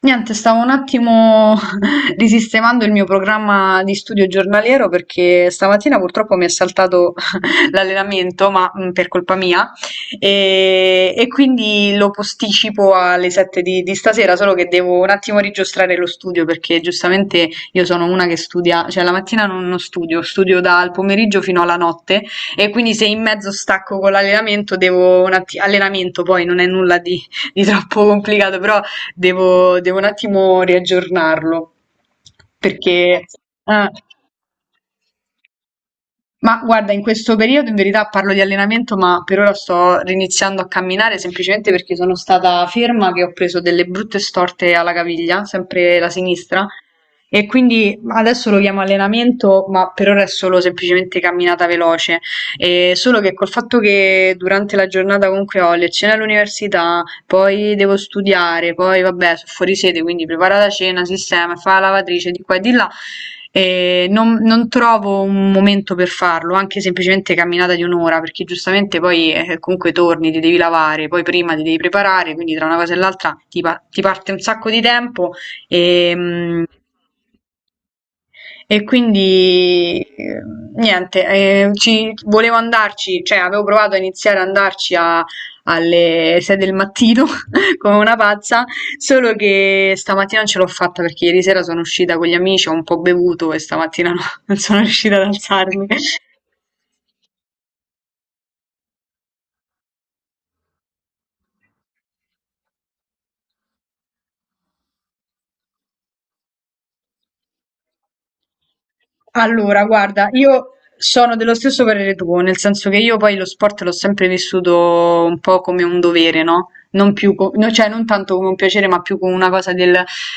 Niente, stavo un attimo risistemando il mio programma di studio giornaliero perché stamattina purtroppo mi è saltato l'allenamento, ma per colpa mia, e quindi lo posticipo alle 7 di stasera, solo che devo un attimo rigiostrare lo studio perché giustamente io sono una che studia, cioè la mattina non studio, studio dal pomeriggio fino alla notte e quindi se in mezzo stacco con l'allenamento devo un attimo, allenamento poi non è nulla di troppo complicato, però Devo un attimo riaggiornarlo perché. Ah, ma guarda, in questo periodo in verità parlo di allenamento, ma per ora sto riniziando a camminare semplicemente perché sono stata ferma che ho preso delle brutte storte alla caviglia, sempre la sinistra, e quindi adesso lo chiamo allenamento, ma per ora è solo semplicemente camminata veloce. E solo che col fatto che durante la giornata comunque ho lezione all'università, poi devo studiare, poi vabbè, sono fuori sede, quindi prepara la cena, sistema, fa la lavatrice di qua e di là. E non trovo un momento per farlo, anche semplicemente camminata di un'ora, perché giustamente poi comunque torni, ti devi lavare, poi prima ti devi preparare, quindi tra una cosa e l'altra ti parte un sacco di tempo e, mm, e quindi niente, volevo andarci, cioè avevo provato a iniziare ad andarci alle 6 del mattino come una pazza, solo che stamattina non ce l'ho fatta perché ieri sera sono uscita con gli amici, ho un po' bevuto e stamattina no, non sono riuscita ad alzarmi. Allora, guarda, io sono dello stesso parere tuo, nel senso che io poi lo sport l'ho sempre vissuto un po' come un dovere, no? Non più, no, cioè non tanto come un piacere, ma più come una cosa del.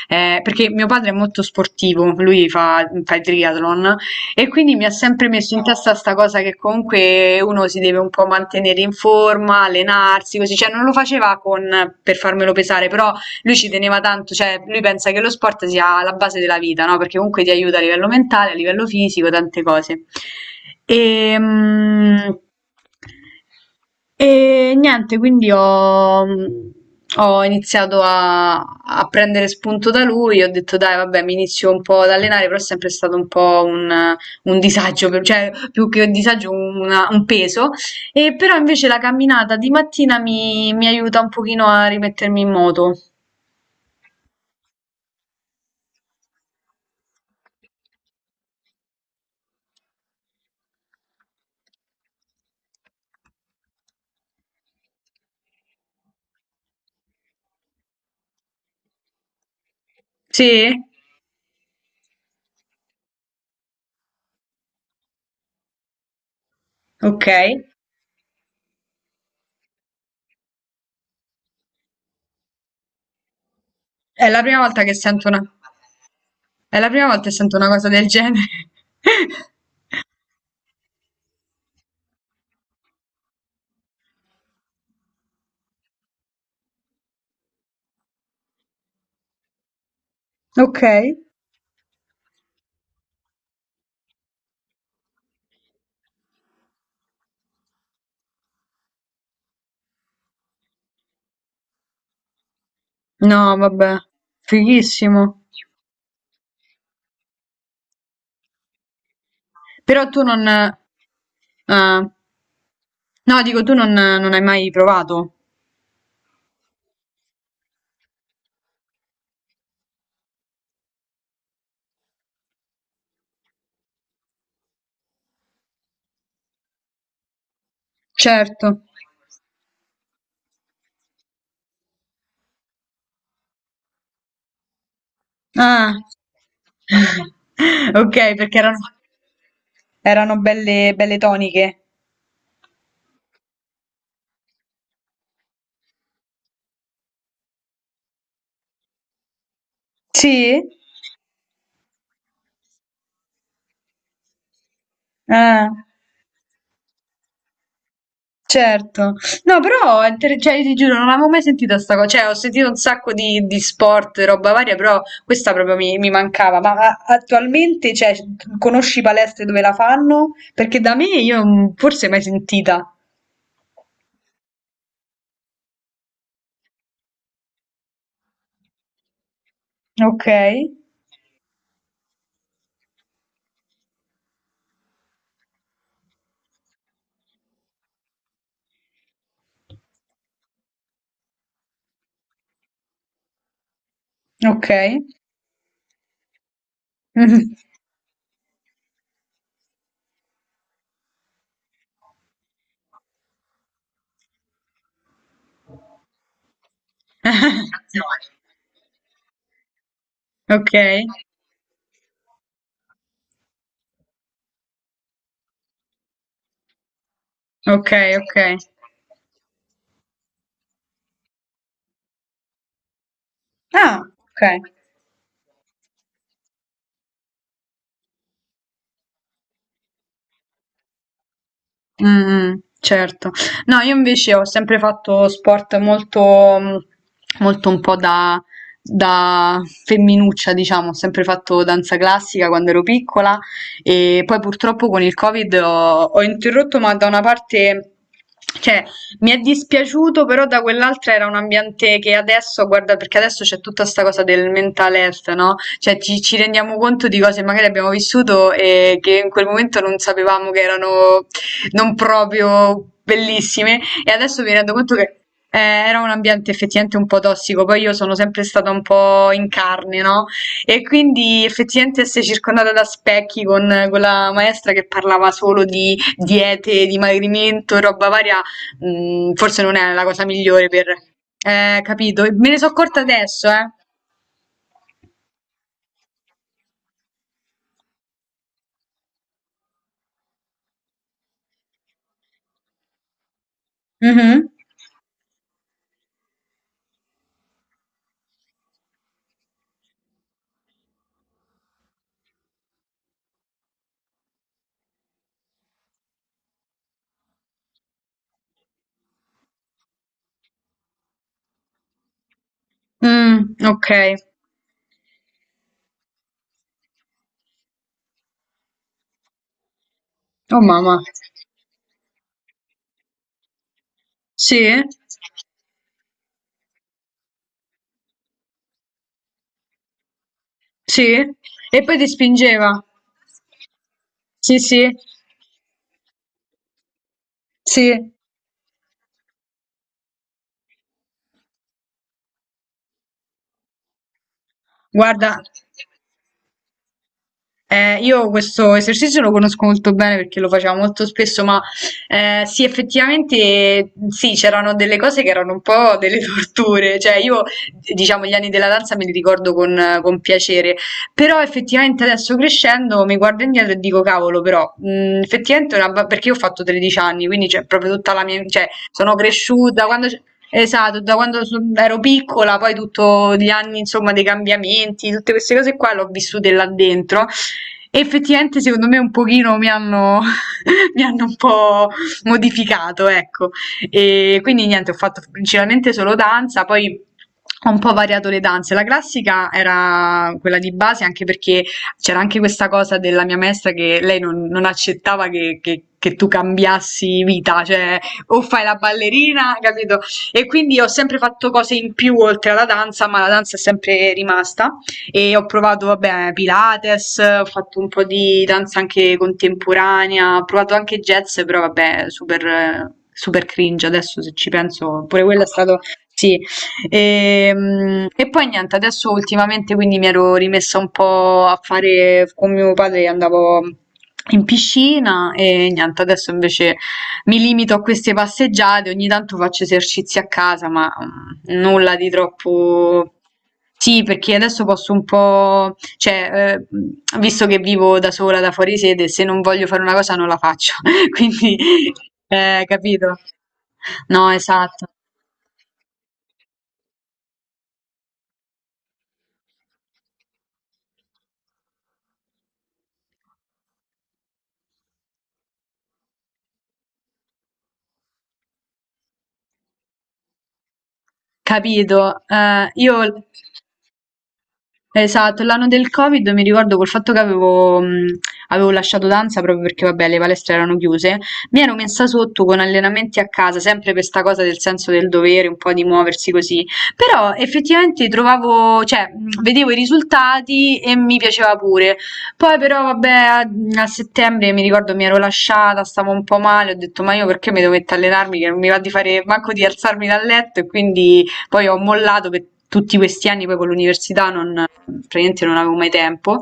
Perché mio padre è molto sportivo, lui fa il triathlon e quindi mi ha sempre messo in testa sta cosa che comunque uno si deve un po' mantenere in forma, allenarsi, così, cioè non lo faceva con, per farmelo pesare, però lui ci teneva tanto, cioè lui pensa che lo sport sia la base della vita, no? Perché comunque ti aiuta a livello mentale, a livello fisico, tante cose. E, mm, e niente, quindi ho iniziato a prendere spunto da lui, ho detto dai, vabbè, mi inizio un po' ad allenare, però è sempre stato un po' un disagio, cioè più che un disagio, un peso. E però invece la camminata di mattina mi aiuta un pochino a rimettermi in moto. Sì? Okay. È la prima volta che sento una è la prima volta che sento una cosa del genere. Okay. No, vabbè, fighissimo. Però tu non ah. No, dico tu non hai mai provato? Certo. Ah. Okay, perché erano belle belle toniche. Sì? Ah. Certo, no, però, cioè, ti giuro, non avevo mai sentito sta cosa, cioè, ho sentito un sacco di sport, roba varia, però questa proprio mi mancava, ma attualmente, cioè, conosci palestre dove la fanno? Perché da me io forse mai sentita. Ok, ok. Mhm. Ok, ok, ok. Ah, ok. Mh-mh, certo. No, io invece ho sempre fatto sport molto mhmm, molto un po' da femminuccia, diciamo. Ho sempre fatto danza classica quando ero piccola e poi purtroppo con il Covid ho interrotto, ma da una parte cioè mi è dispiaciuto, però da quell'altra era un ambiente che adesso guarda, perché adesso c'è tutta 'sta cosa del mental health, no, cioè ci rendiamo conto di cose che magari abbiamo vissuto e che in quel momento non sapevamo che erano non proprio bellissime e adesso mi rendo conto che era un ambiente effettivamente un po' tossico, poi io sono sempre stata un po' in carne, no? E quindi effettivamente essere circondata da specchi con quella maestra che parlava solo di diete, di dimagrimento, roba varia, forse non è la cosa migliore per. Capito? E me ne sono accorta adesso, eh. Mhm. Mm, ok. Oh mamma. Sì? Sì? E poi ti spingeva? Sì, sì, sì, guarda. Io questo esercizio lo conosco molto bene perché lo facevo molto spesso, ma sì, effettivamente sì, c'erano delle cose che erano un po' delle torture, cioè io diciamo gli anni della danza me li ricordo con piacere, però effettivamente adesso crescendo mi guardo indietro e dico cavolo, però effettivamente perché io ho fatto 13 anni, quindi c'è proprio tutta la mia, cioè sono cresciuta quando. Esatto, da quando ero piccola, poi tutti gli anni, insomma, dei cambiamenti, tutte queste cose qua le ho vissute là dentro e effettivamente secondo me un pochino mi hanno, mi hanno un po' modificato, ecco. E quindi niente, ho fatto principalmente solo danza, poi ho un po' variato le danze. La classica era quella di base, anche perché c'era anche questa cosa della mia maestra che lei non accettava che tu cambiassi vita, cioè o fai la ballerina, capito? E quindi ho sempre fatto cose in più oltre alla danza, ma la danza è sempre rimasta e ho provato, vabbè, Pilates, ho fatto un po' di danza anche contemporanea, ho provato anche jazz, però vabbè, super, super cringe adesso se ci penso, pure quello è stato. Sì. E, poi niente, adesso ultimamente quindi mi ero rimessa un po' a fare con mio padre, andavo in piscina e niente, adesso invece mi limito a queste passeggiate, ogni tanto faccio esercizi a casa, ma nulla di troppo sì, perché adesso posso un po' cioè, visto che vivo da sola, da fuori sede, se non voglio fare una cosa non la faccio, quindi, capito? No, esatto, capito. Io Esatto, l'anno del Covid mi ricordo col fatto che avevo lasciato danza proprio perché, vabbè, le palestre erano chiuse. Mi ero messa sotto con allenamenti a casa, sempre per sta cosa del senso del dovere, un po' di muoversi così. Però effettivamente trovavo, cioè, vedevo i risultati e mi piaceva pure. Poi però, vabbè, a settembre mi ricordo mi ero lasciata, stavo un po' male, ho detto, ma io perché mi dovete allenarmi che non mi va di fare manco di alzarmi dal letto e quindi poi ho mollato per tutti questi anni, poi con l'università non praticamente non avevo mai tempo.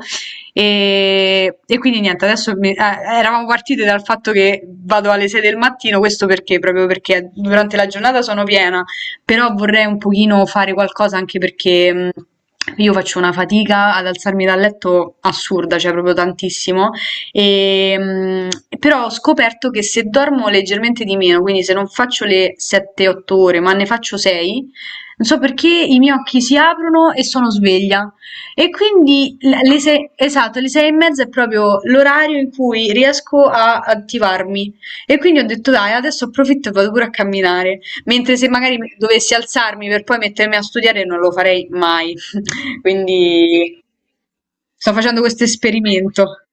E quindi niente, adesso eravamo partite dal fatto che vado alle 6 del mattino, questo perché? Proprio perché durante la giornata sono piena, però vorrei un pochino fare qualcosa anche perché. Io faccio una fatica ad alzarmi dal letto assurda, cioè proprio tantissimo, e, però ho scoperto che se dormo leggermente di meno, quindi se non faccio le 7-8 ore, ma ne faccio 6, non so perché i miei occhi si aprono e sono sveglia. E quindi le sei, esatto, le sei e mezza è proprio l'orario in cui riesco a attivarmi. E quindi ho detto, dai, adesso approfitto e vado pure a camminare. Mentre se magari dovessi alzarmi per poi mettermi a studiare, non lo farei mai. Quindi sto facendo questo esperimento.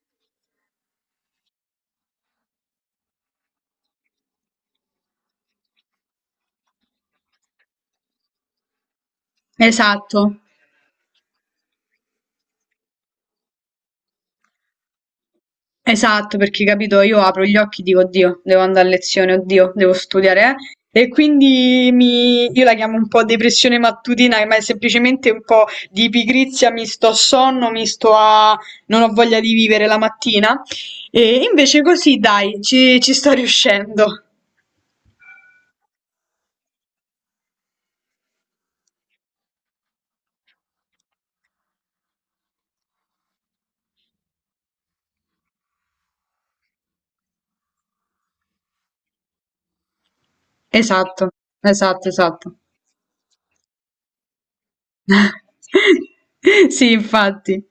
Esatto. Esatto, perché capito, io apro gli occhi e dico, oddio, devo andare a lezione, oddio, devo studiare, eh. E quindi io la chiamo un po' depressione mattutina, ma è semplicemente un po' di pigrizia, mi sto a sonno, mi sto a. Non ho voglia di vivere la mattina. E invece così, dai, ci sto riuscendo. Esatto, esatto, esatto. Sì, infatti.